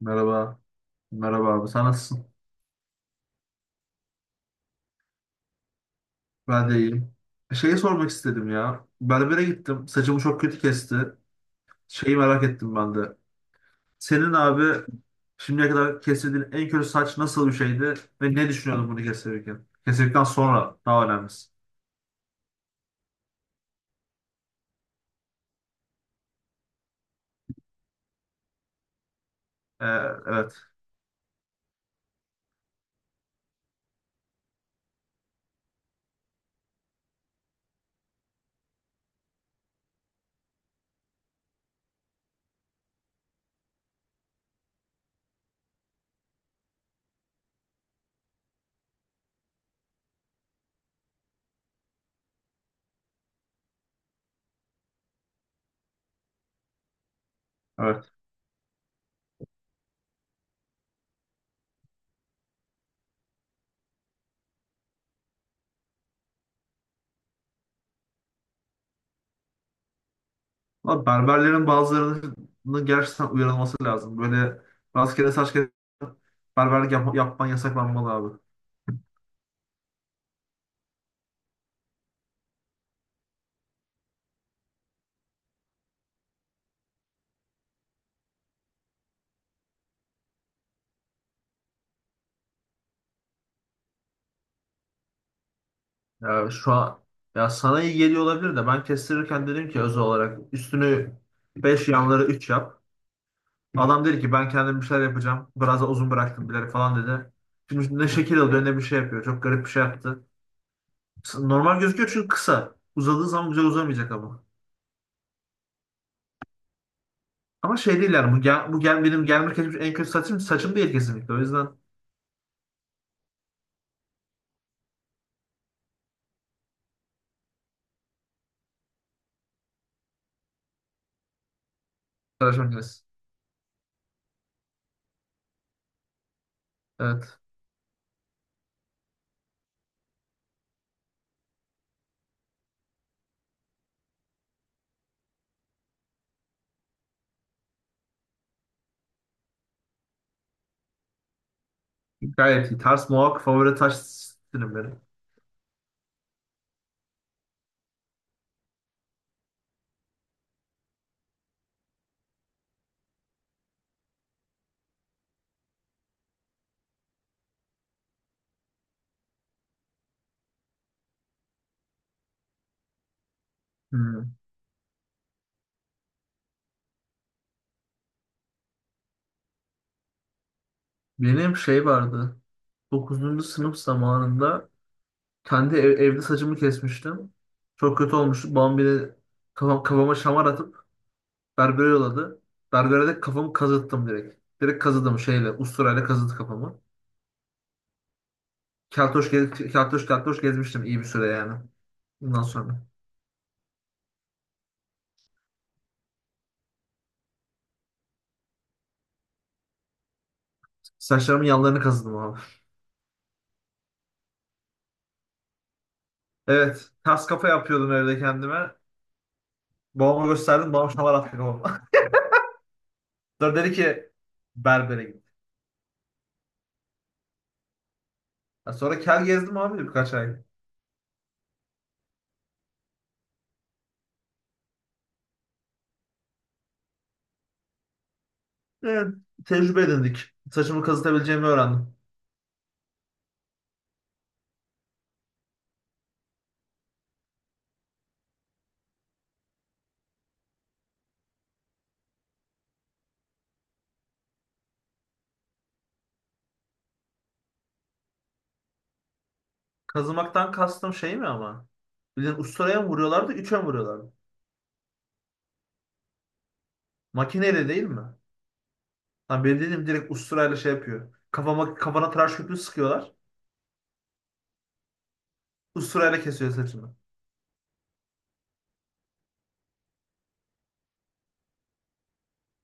Merhaba. Merhaba abi. Sen nasılsın? Ben de iyiyim. Şeyi sormak istedim ya. Berbere gittim. Saçımı çok kötü kesti. Şeyi merak ettim ben de. Senin abi şimdiye kadar kestirdiğin en kötü saç nasıl bir şeydi? Ve ne düşünüyordun bunu kestirirken? Kestirdikten sonra daha önemlisi. Ee, evet. Evet. Ama berberlerin bazılarının gerçekten uyarılması lazım. Böyle rastgele saç kesip berberlik yapman yasaklanmalı abi. Ya şu an ya sana iyi geliyor olabilir de ben kestirirken dedim ki özel olarak üstünü 5 yanları 3 yap. Adam dedi ki ben kendim bir şeyler yapacağım. Biraz da uzun bıraktım bilerek falan dedi. Şimdi ne şekil alıyor ne bir şey yapıyor. Çok garip bir şey yaptı. Normal gözüküyor çünkü kısa. Uzadığı zaman güzel uzamayacak ama. Ama şey değil yani bu, gel, bu gel, benim gelme kesmiş en kötü saçım değil kesinlikle. O yüzden tıraş makinesi. Evet. Gayet iyi. Ters mohawk favori taş stilim benim. Hmm. Benim şey vardı. Dokuzuncu sınıf zamanında kendi evde saçımı kesmiştim. Çok kötü olmuştu. Babam beni kafama şamar atıp berbere yolladı. Berbere de kafamı kazıttım direkt. Direkt kazıdım şeyle, usturayla kazıdı kafamı. Keltoş gezmiştim iyi bir süre yani. Bundan sonra. Saçlarımın yanlarını kazıdım abi. Evet. Ters kafa yapıyordum evde kendime. Babama gösterdim. Babam şamar attı babama. Sonra dedi ki berbere git. Ya sonra kel gezdim abi birkaç ay. Evet. Tecrübe edindik. Saçımı kazıtabileceğimi öğrendim. Kazımaktan kastım şey mi ama? Bildiğin usturaya mı vuruyorlardı, üçe mi vuruyorlardı? Makineyle değil mi? Ha, benim dediğim direkt usturayla şey yapıyor. Kafana tıraş köpüğü sıkıyorlar. Usturayla kesiyor saçını.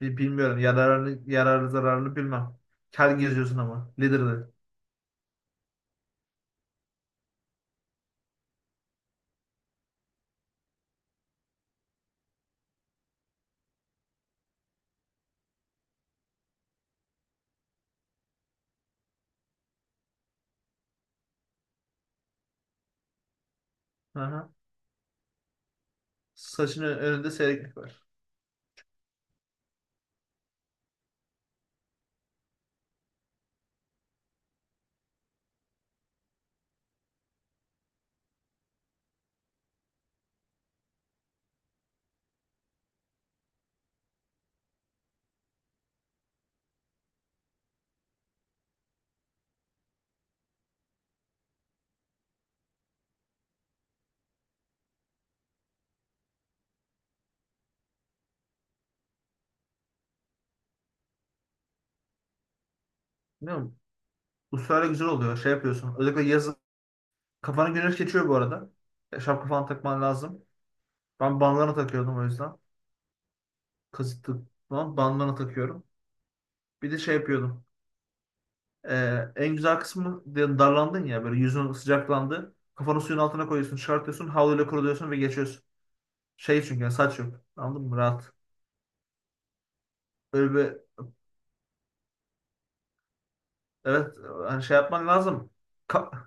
Bilmiyorum. Yararlı zararını bilmem. Kel geziyorsun ama. Lider'de. Aha. Saçının önünde seyreklik var. Bilmiyorum. Usturayla güzel oluyor. Şey yapıyorsun. Özellikle yazın. Kafana güneş geçiyor bu arada. Şapka falan takman lazım. Ben bandana takıyordum o yüzden. Kasıtlı falan bandana takıyorum. Bir de şey yapıyordum. En güzel kısmı darlandın ya böyle yüzün sıcaklandı. Kafanı suyun altına koyuyorsun, çıkartıyorsun, havluyla kuruluyorsun ve geçiyorsun. Şey çünkü yani saç yok. Anladın mı? Rahat. Öyle bir evet, hani şey yapman lazım. Ka-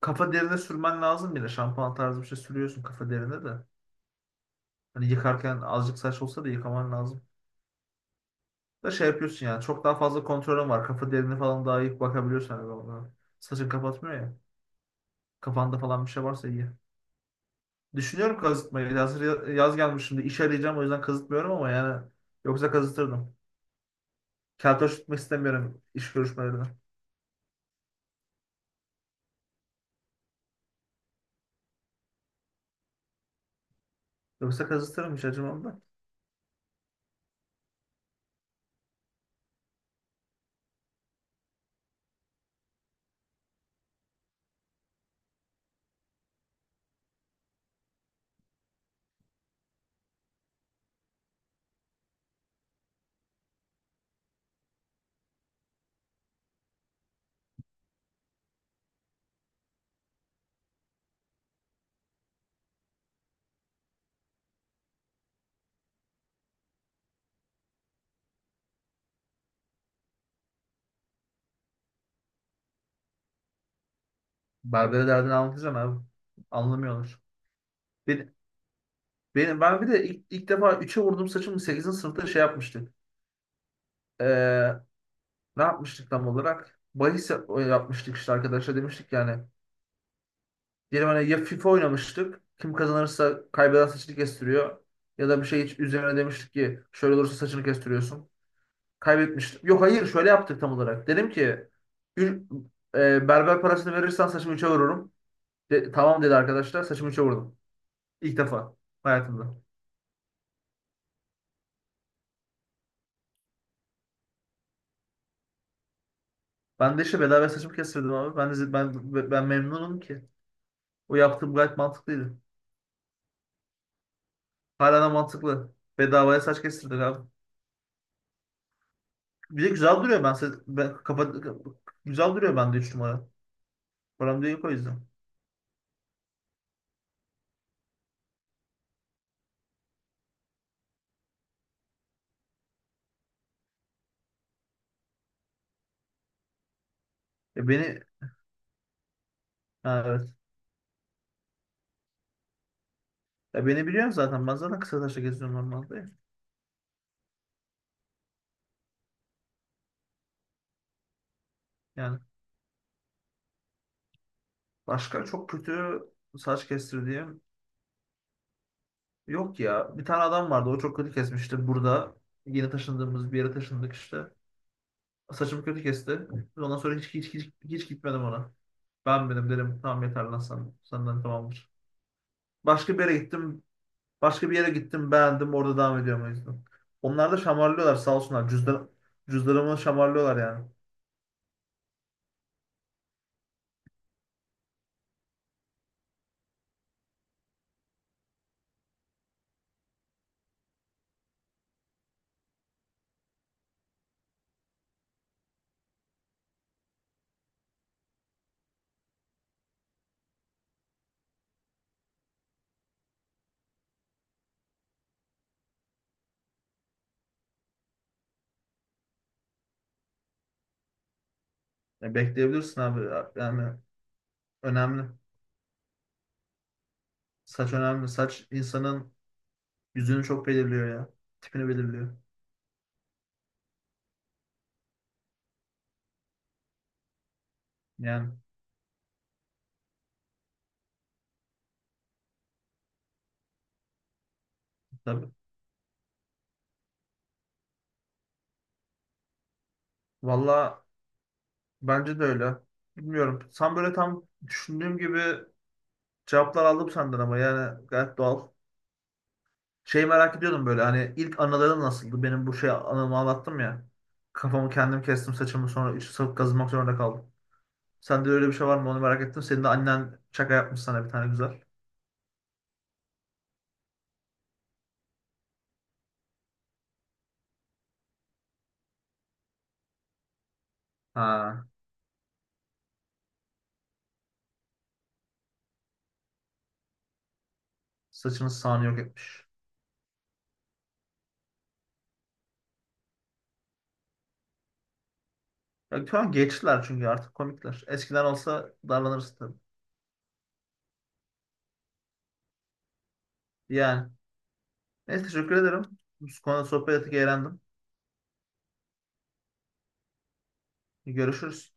kafa derine sürmen lazım yine. Şampuan tarzı bir şey sürüyorsun kafa derine de. Hani yıkarken azıcık saç olsa da yıkaman lazım. Da şey yapıyorsun yani çok daha fazla kontrolün var. Kafa derine falan daha iyi bakabiliyorsun hani ona. Saçın kapatmıyor ya. Kafanda falan bir şey varsa iyi. Düşünüyorum kazıtmayı. Hazır yaz gelmiş şimdi. İş arayacağım o yüzden kazıtmıyorum ama yani yoksa kazıtırdım. Keltoş tutmak istemiyorum iş görüşmelerine. Yoksa kazıtırım hiç acımam da. Berbere derdini anlatacağım abi. Anlamıyorlar. Ben, ben bir de ilk defa üçe vurduğum saçımı sekizinci sınıfta şey yapmıştık. Ee, ne yapmıştık tam olarak? Bahis yapmıştık işte arkadaşlar demiştik yani. Diyelim hani ya FIFA oynamıştık. Kim kazanırsa kaybeden saçını kestiriyor. Ya da bir şey hiç üzerine demiştik ki şöyle olursa saçını kestiriyorsun. Kaybetmiştim. Yok hayır şöyle yaptık tam olarak. Dedim ki "Ür- berber parasını verirsen saçımı üçe vururum. Tamam dedi arkadaşlar, saçımı üçe vurdum. İlk defa hayatımda. Ben de işte bedava saçımı kestirdim abi. Ben memnunum ki. O yaptığım gayet mantıklıydı. Hala da mantıklı. Bedavaya saç kestirdik abi. Bir de güzel duruyor ben. Se- ben kafa, güzel duruyor bende 3 numara. Param da yok o yüzden. Ya beni ha, evet. Ya beni biliyorsun zaten. Ben zaten kısa saçla geziyorum normalde. Yani. Başka çok kötü saç kestirdiğim yok ya. Bir tane adam vardı o çok kötü kesmişti burada. Yeni taşındığımız bir yere taşındık işte. Saçımı kötü kesti. Ondan sonra hiç gitmedim ona. Ben dedim tamam yeter lan senden tamamdır. Başka bir yere gittim. Başka bir yere gittim, beğendim, orada devam ediyorum o yüzden. Onlar da şamarlıyorlar sağ olsunlar. Cüzdanımı şamarlıyorlar yani. Ya bekleyebilirsin abi yani önemli. Saç önemli. Saç insanın yüzünü çok belirliyor ya. Tipini belirliyor. Yani tabii. Valla bence de öyle. Bilmiyorum. Sen böyle tam düşündüğüm gibi cevaplar aldım senden ama yani gayet doğal. Şey merak ediyordum böyle hani ilk anıların nasıldı? Benim bu şey anımı anlattım ya. Kafamı kendim kestim saçımı sonra içi sarıp kazımak zorunda kaldım. Sende öyle bir şey var mı onu merak ettim. Senin de annen şaka yapmış sana bir tane güzel. Ha, saçını yok etmiş. Ya, şu an geçtiler çünkü artık komikler. Eskiden olsa darlanırız tabii. Yani neyse teşekkür ederim. Bu konuda sohbet ettik, eğlendim. Görüşürüz.